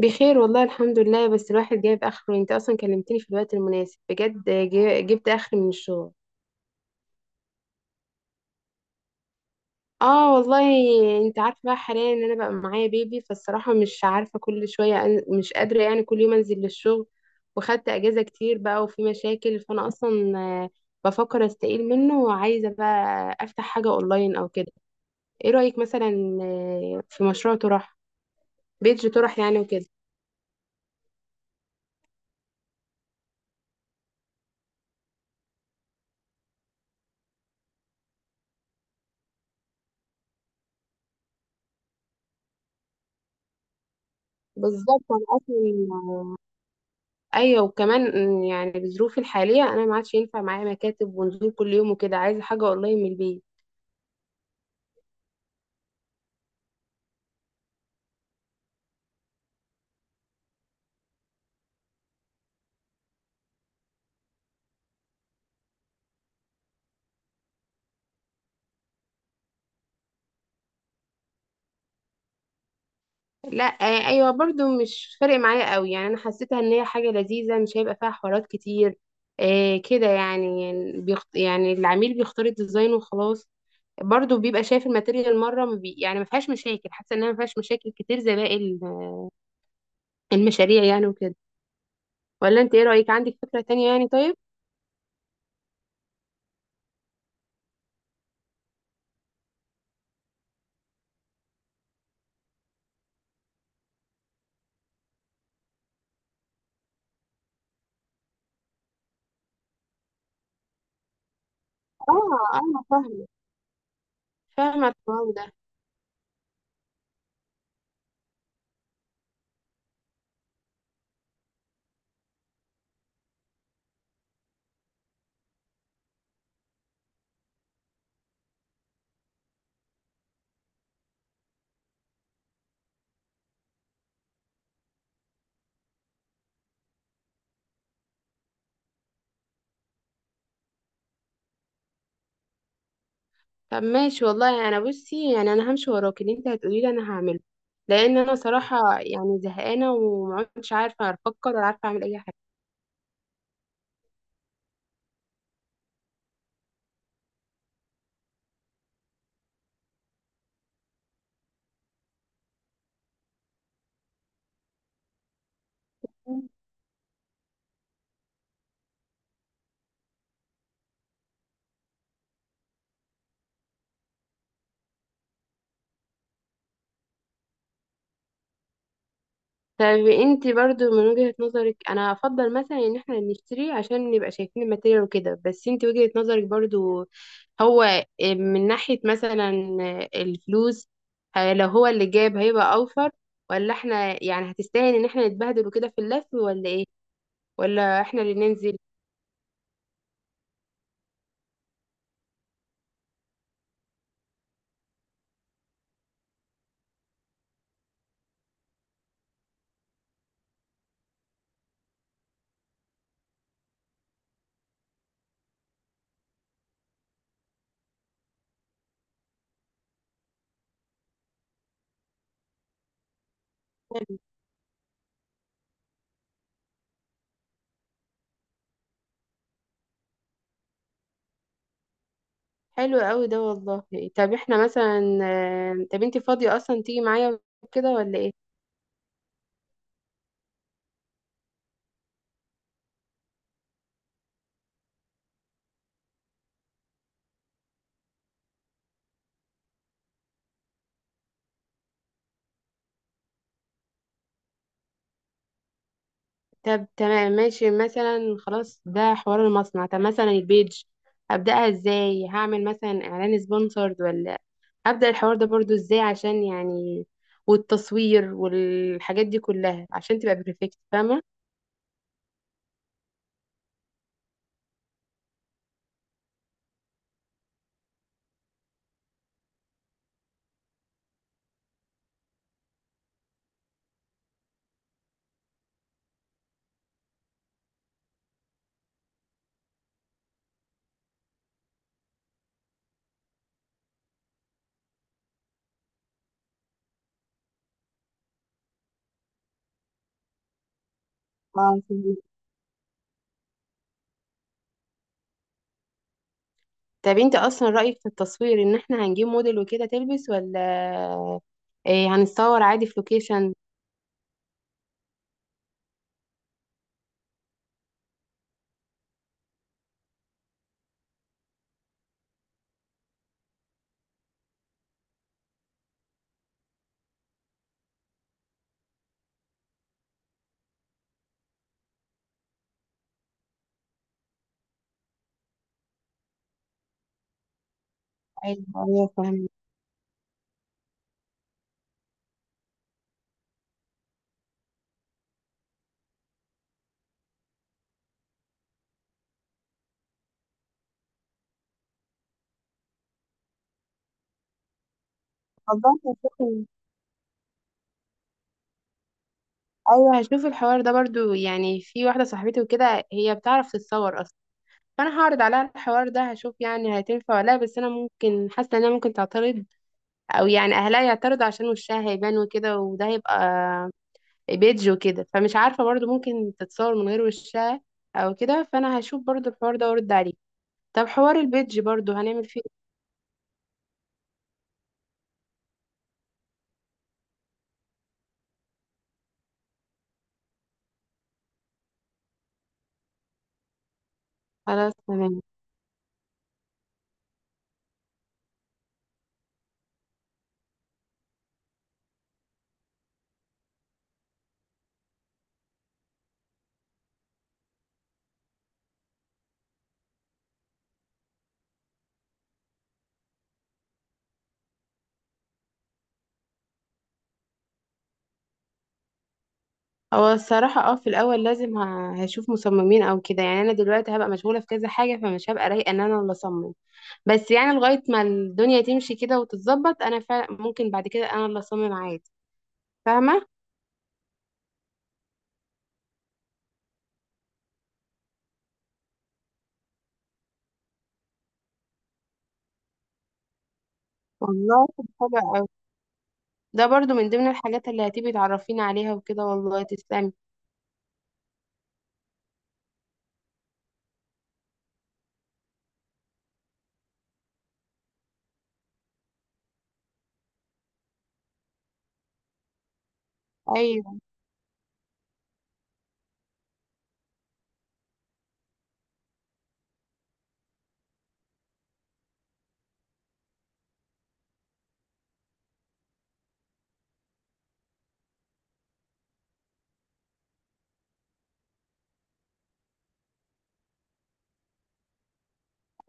بخير والله الحمد لله. بس الواحد جايب اخره. انت اصلا كلمتني في الوقت المناسب بجد. جبت اخر من الشغل. اه والله. انت عارفه بقى، حاليا ان انا بقى معايا بيبي. فالصراحه مش عارفه، كل شويه مش قادره يعني كل يوم انزل للشغل. وخدت اجازه كتير بقى، وفي مشاكل، فانا اصلا بفكر استقيل منه، وعايزه بقى افتح حاجه اونلاين او كده. ايه رايك مثلا؟ في مشروع طرح، بيج طرح يعني وكده. بالظبط، انا اصلا ايوه. وكمان إن يعني بظروفي الحاليه انا ما عادش ينفع معايا مكاتب ونزول كل يوم وكده، عايزه حاجه والله من البيت. لا، ايوه، برضو مش فارق معايا قوي. يعني انا حسيتها ان هي حاجه لذيذه، مش هيبقى فيها حوارات كتير. كده. يعني يعني العميل بيختار الديزاين وخلاص. برضو بيبقى شايف الماتيريال مره. ما بي... يعني ما فيهاش مشاكل. حاسه انها ما فيهاش مشاكل كتير زي باقي المشاريع يعني وكده. ولا انت ايه رايك، عندك فكره تانية يعني؟ طيب. اه، انا فاهمه، فاهمه الحوار ده. طب ماشي والله. انا بصي يعني انا همشي وراك، اللي انت هتقولي لي انا هعمله، لان انا صراحه يعني زهقانه ومعدتش عارفه افكر ولا عارفه اعمل اي حاجه. طب انت برضو من وجهه نظرك، انا افضل مثلا ان احنا نشتري عشان نبقى شايفين الماتيريال وكده، بس انت وجهه نظرك برضو، هو من ناحيه مثلا الفلوس، لو هو اللي جاب هيبقى اوفر، ولا احنا يعني هتستاهل ان احنا نتبهدل وكده في اللف، ولا ايه؟ ولا احنا اللي ننزل؟ حلو قوي ده والله. طب احنا مثلا طب انت فاضية اصلا تيجي معايا كده ولا ايه؟ طب تمام ماشي مثلا. خلاص، ده حوار المصنع. طب مثلا البيج، ابدأها ازاي؟ هعمل مثلا اعلان سبونسرد، ولا ابدأ الحوار ده برضو ازاي عشان يعني والتصوير والحاجات دي كلها عشان تبقى بيرفكت، فاهمة؟ اه، فهمت. طب انت اصلا رأيك في التصوير ان احنا هنجيب موديل وكده تلبس، ولا ايه؟ هنتصور عادي في لوكيشن؟ ايوه، ايوه، فهمت. والله هشوف. ايوه، هشوف الحوار ده برضو. يعني في واحده صاحبتي وكده هي بتعرف تتصور اصلا، فانا هعرض عليها الحوار ده، هشوف يعني هتنفع ولا لا. بس انا ممكن حاسه انها ممكن تعترض، او يعني اهلها يعترضوا عشان وشها هيبان وكده، وده هيبقى بيدج وكده، فمش عارفه برضو ممكن تتصور من غير وشها او كده. فانا هشوف برضو الحوار ده وارد عليه. طب حوار البيدج برضو هنعمل فيه إيه؟ خلاص تمام. هو الصراحة في الأول لازم هشوف مصممين أو كده يعني. أنا دلوقتي هبقى مشغولة في كذا حاجة، فمش هبقى رايقة إن أنا اللي أصمم. بس يعني لغاية ما الدنيا تمشي كده وتتظبط، أنا فعلا ممكن بعد كده أنا اللي أصمم عادي. فاهمة؟ والله طب، حلو أوي. ده برضو من ضمن الحاجات اللي هتبقي تعرفيني عليها وكده، والله تسلمي. أيوه،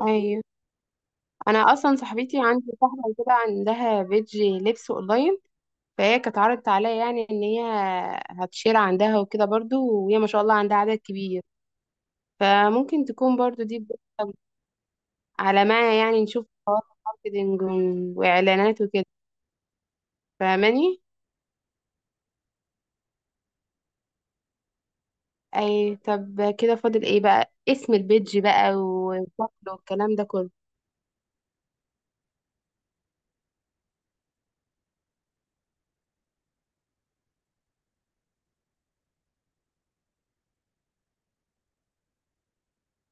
أيوه. أنا أصلا صاحبتي، عندي صاحبة كده عندها بيج لبس أونلاين. فهي كانت عرضت عليا يعني إن هي هتشير عندها وكده برضو، وهي ما شاء الله عندها عدد كبير. فممكن تكون برضو دي بداية، على ما يعني نشوف خطوات ماركتينج وإعلانات وكده. فاهماني؟ أي، طب كده فاضل إيه بقى، اسم البيدج بقى وشكله والكلام ده كله؟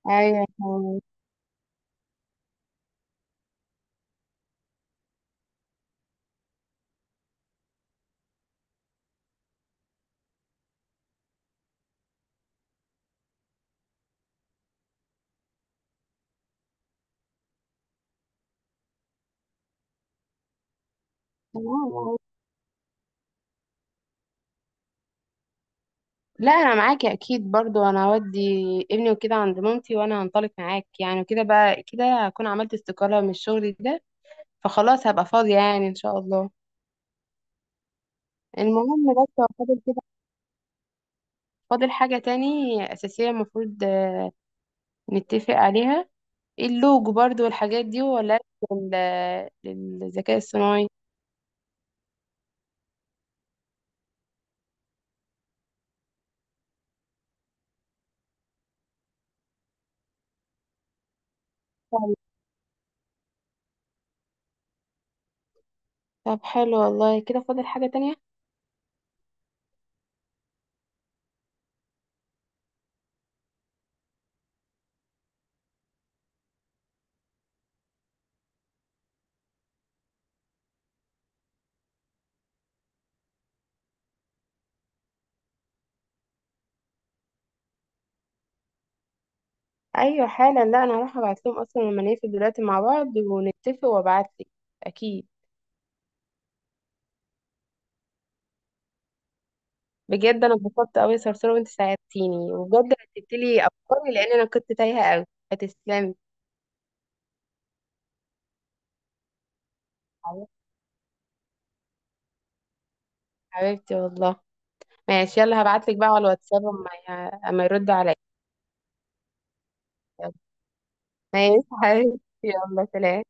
أيوة، تمام. لا أنا معاكي أكيد. برضو أنا هودي ابني وكده عند مامتي، وأنا هنطلق معاك يعني وكده بقى. كده هكون عملت استقالة من الشغل ده، فخلاص هبقى فاضية يعني إن شاء الله. المهم بس، هو فاضل كده، فاضل حاجة تاني أساسية المفروض نتفق عليها؟ اللوجو برضو والحاجات دي، ولا للذكاء الصناعي؟ طب. طب حلو والله، كده فاضل حاجة تانية؟ ايوه حالا. لا انا هروح ابعت لهم اصلا لما نقفل دلوقتي مع بعض ونتفق وابعت لك. اكيد. بجد انا اتبسطت قوي يا صرصور، وانت ساعدتيني وبجد رتبت لي افكاري، لان انا كنت تايهه قوي. هتسلمي. حبيبتي، حبيبتي والله. ماشي، يلا هبعت لك بقى على الواتساب اما يرد عليا. ماشي حبيبتي، يلا سلام.